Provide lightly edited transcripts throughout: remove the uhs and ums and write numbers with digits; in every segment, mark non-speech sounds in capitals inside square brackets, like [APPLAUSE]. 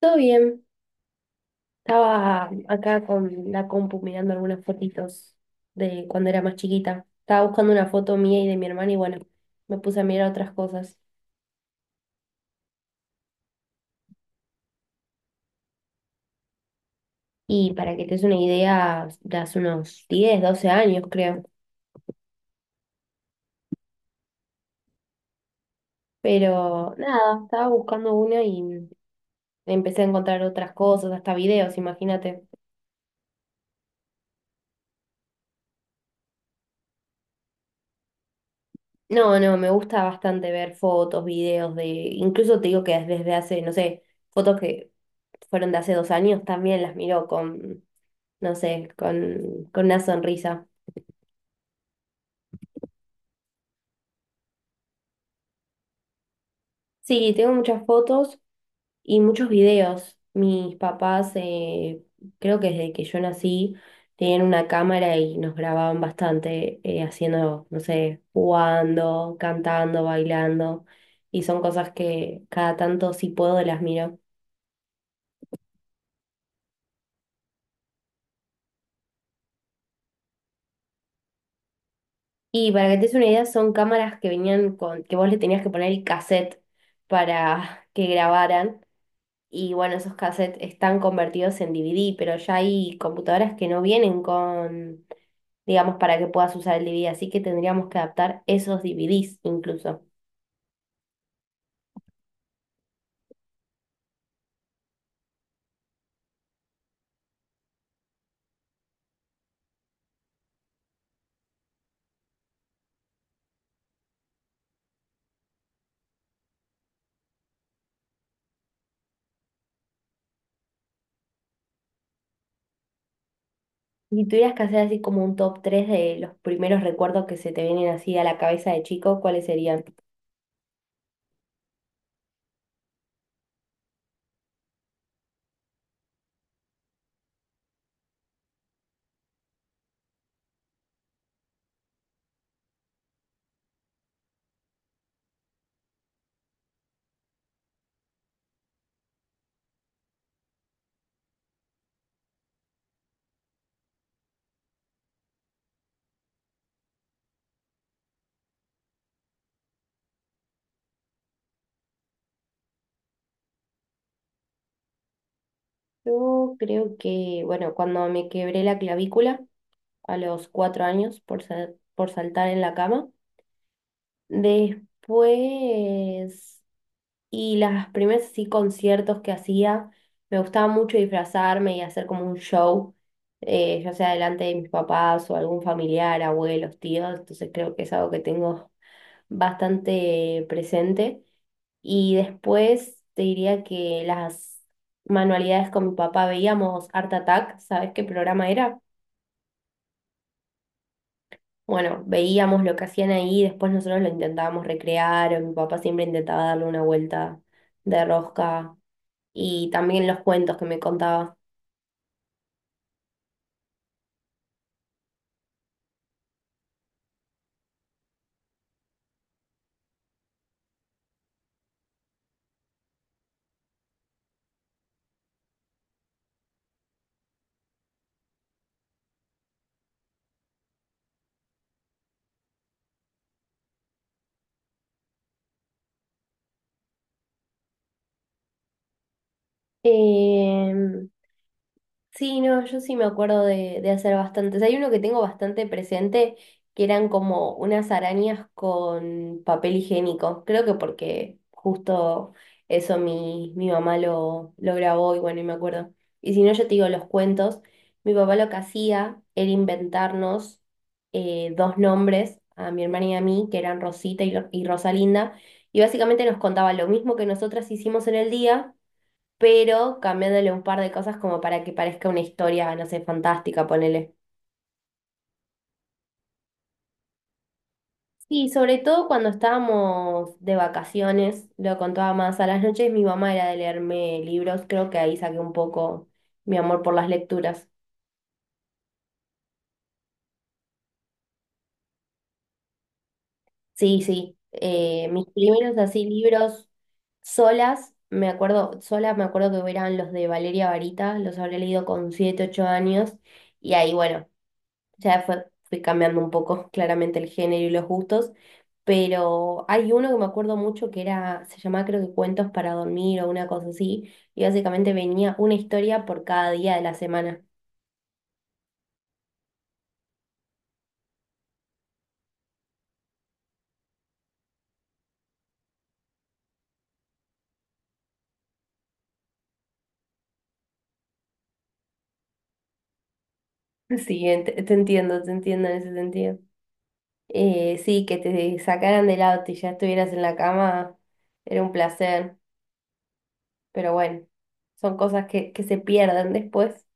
Todo bien, estaba acá con la compu mirando algunas fotitos de cuando era más chiquita. Estaba buscando una foto mía y de mi hermana y bueno, me puse a mirar otras cosas. Y para que te des una idea, de hace unos 10 12 años creo. Pero nada, estaba buscando una y empecé a encontrar otras cosas, hasta videos, imagínate. No, no, me gusta bastante ver fotos, videos de... Incluso te digo que desde hace, no sé, fotos que fueron de hace 2 años también las miro con no sé, con una sonrisa. Sí, tengo muchas fotos y muchos videos. Mis papás, creo que desde que yo nací, tenían una cámara y nos grababan bastante haciendo, no sé, jugando, cantando, bailando. Y son cosas que cada tanto, si puedo, las miro. Y para que te des una idea, son cámaras que venían que vos le tenías que poner el cassette para [LAUGHS] que grabaran. Y bueno, esos cassettes están convertidos en DVD, pero ya hay computadoras que no vienen digamos, para que puedas usar el DVD, así que tendríamos que adaptar esos DVDs incluso. Y tuvieras que hacer así como un top 3 de los primeros recuerdos que se te vienen así a la cabeza de chico, ¿cuáles serían? Yo creo que, bueno, cuando me quebré la clavícula a los 4 años por saltar en la cama. Después... Y las primeras sí conciertos que hacía, me gustaba mucho disfrazarme y hacer como un show, ya sea delante de mis papás o algún familiar, abuelos, tíos, entonces creo que es algo que tengo bastante presente. Y después te diría que las manualidades con mi papá veíamos Art Attack, ¿sabes qué programa era? Bueno, veíamos lo que hacían ahí, después nosotros lo intentábamos recrear, o mi papá siempre intentaba darle una vuelta de rosca y también los cuentos que me contaba. Eh, Sí, no, yo sí me acuerdo de hacer bastantes. Hay uno que tengo bastante presente, que eran como unas arañas con papel higiénico. Creo que porque justo eso mi mamá lo grabó y bueno, y me acuerdo. Y si no, yo te digo los cuentos. Mi papá lo que hacía era inventarnos dos nombres a mi hermana y a mí, que eran Rosita y Rosalinda. Y básicamente nos contaba lo mismo que nosotras hicimos en el día pero cambiándole un par de cosas como para que parezca una historia, no sé, fantástica, ponele. Sí, sobre todo cuando estábamos de vacaciones, lo contaba más a las noches, mi mamá era de leerme libros, creo que ahí saqué un poco mi amor por las lecturas. Sí, sí, mis primeros así libros solas me acuerdo que eran los de Valeria Varita, los habré leído con 7 8 años, y ahí, bueno. Ya fui cambiando un poco claramente el género y los gustos, pero hay uno que me acuerdo mucho que era, se llamaba creo que Cuentos para dormir o una cosa así, y básicamente venía una historia por cada día de la semana. [LAUGHS] Sí, te entiendo en ese sentido. Sí, que te sacaran del auto y ya estuvieras en la cama era un placer, pero bueno, son cosas que se pierden después.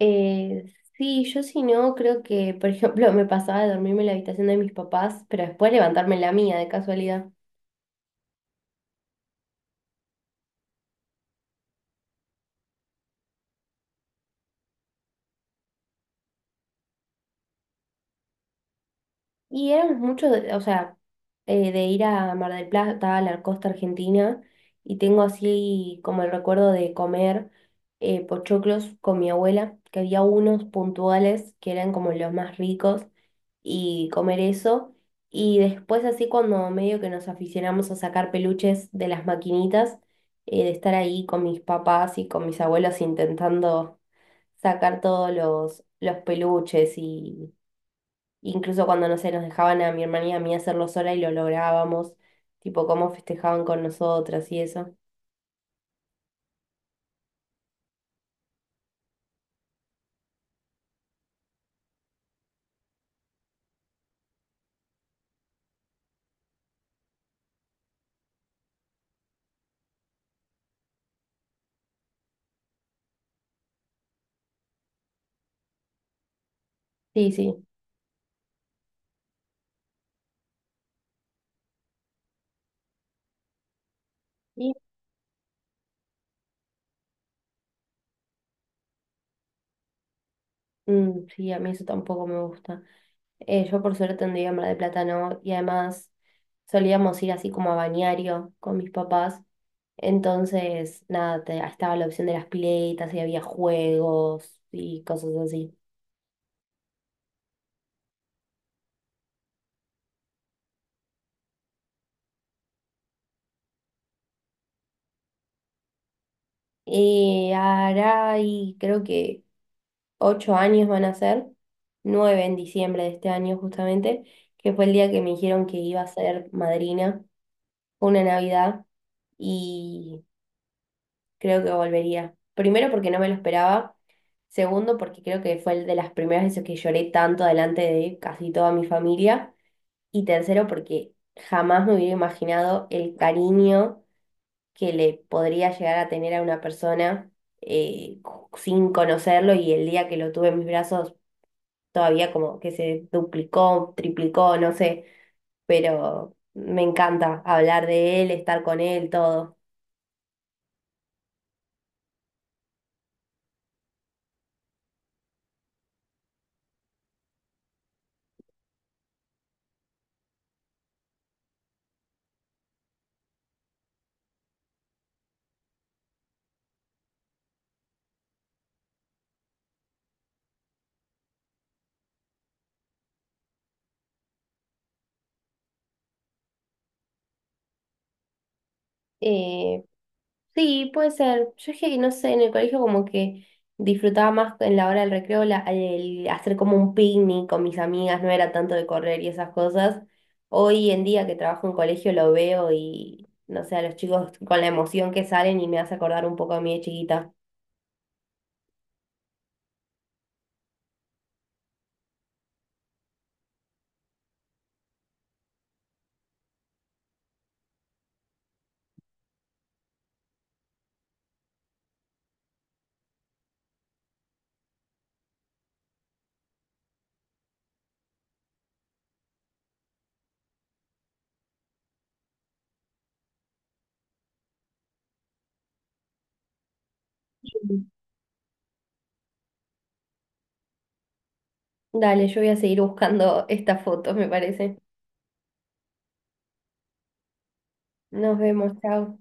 Eh, sí, yo si no, creo que, por ejemplo, [LAUGHS] me pasaba de dormirme en la habitación de mis papás, pero después levantarme en la mía de casualidad. Y éramos muchos, o sea, de ir a Mar del Plata, a la costa argentina, y tengo así como el recuerdo de comer pochoclos con mi abuela, que había unos puntuales que eran como los más ricos, y comer eso. Y después así cuando medio que nos aficionamos a sacar peluches de las maquinitas, de estar ahí con mis papás y con mis abuelos intentando sacar todos los peluches y incluso cuando, no sé, nos dejaban a mi hermana y a mí hacerlo sola y lo lográbamos, tipo cómo festejaban con nosotras y eso. Sí, sí. Y sí, a mí eso tampoco me gusta. Yo por suerte andaba en Mar de plátano y además solíamos ir así como a balneario con mis papás. Entonces, nada, estaba la opción de las piletas y había juegos y cosas así. Y creo que 8 años van a ser, 9 en diciembre de este año justamente, que fue el día que me dijeron que iba a ser madrina, fue una Navidad. Y creo que volvería. Primero porque no me lo esperaba. Segundo porque creo que fue el de las primeras veces que lloré tanto delante de casi toda mi familia. Y tercero porque jamás me hubiera imaginado el cariño que le podría llegar a tener a una persona eh, sin conocerlo y el día que lo tuve en mis brazos todavía como que se duplicó, triplicó, no sé, pero me encanta hablar de él, estar con él, todo. Eh, Sí, puede ser. Yo es que, no sé, en el colegio como que disfrutaba más en la hora del recreo el hacer como un picnic con mis amigas, no era tanto de correr y esas cosas. Hoy en día que trabajo en colegio lo veo y, no sé, a los chicos con la emoción que salen y me hace acordar un poco a mí de chiquita. Dale, yo voy a seguir buscando [LAUGHS] estas fotos, me parece. Nos vemos, chao.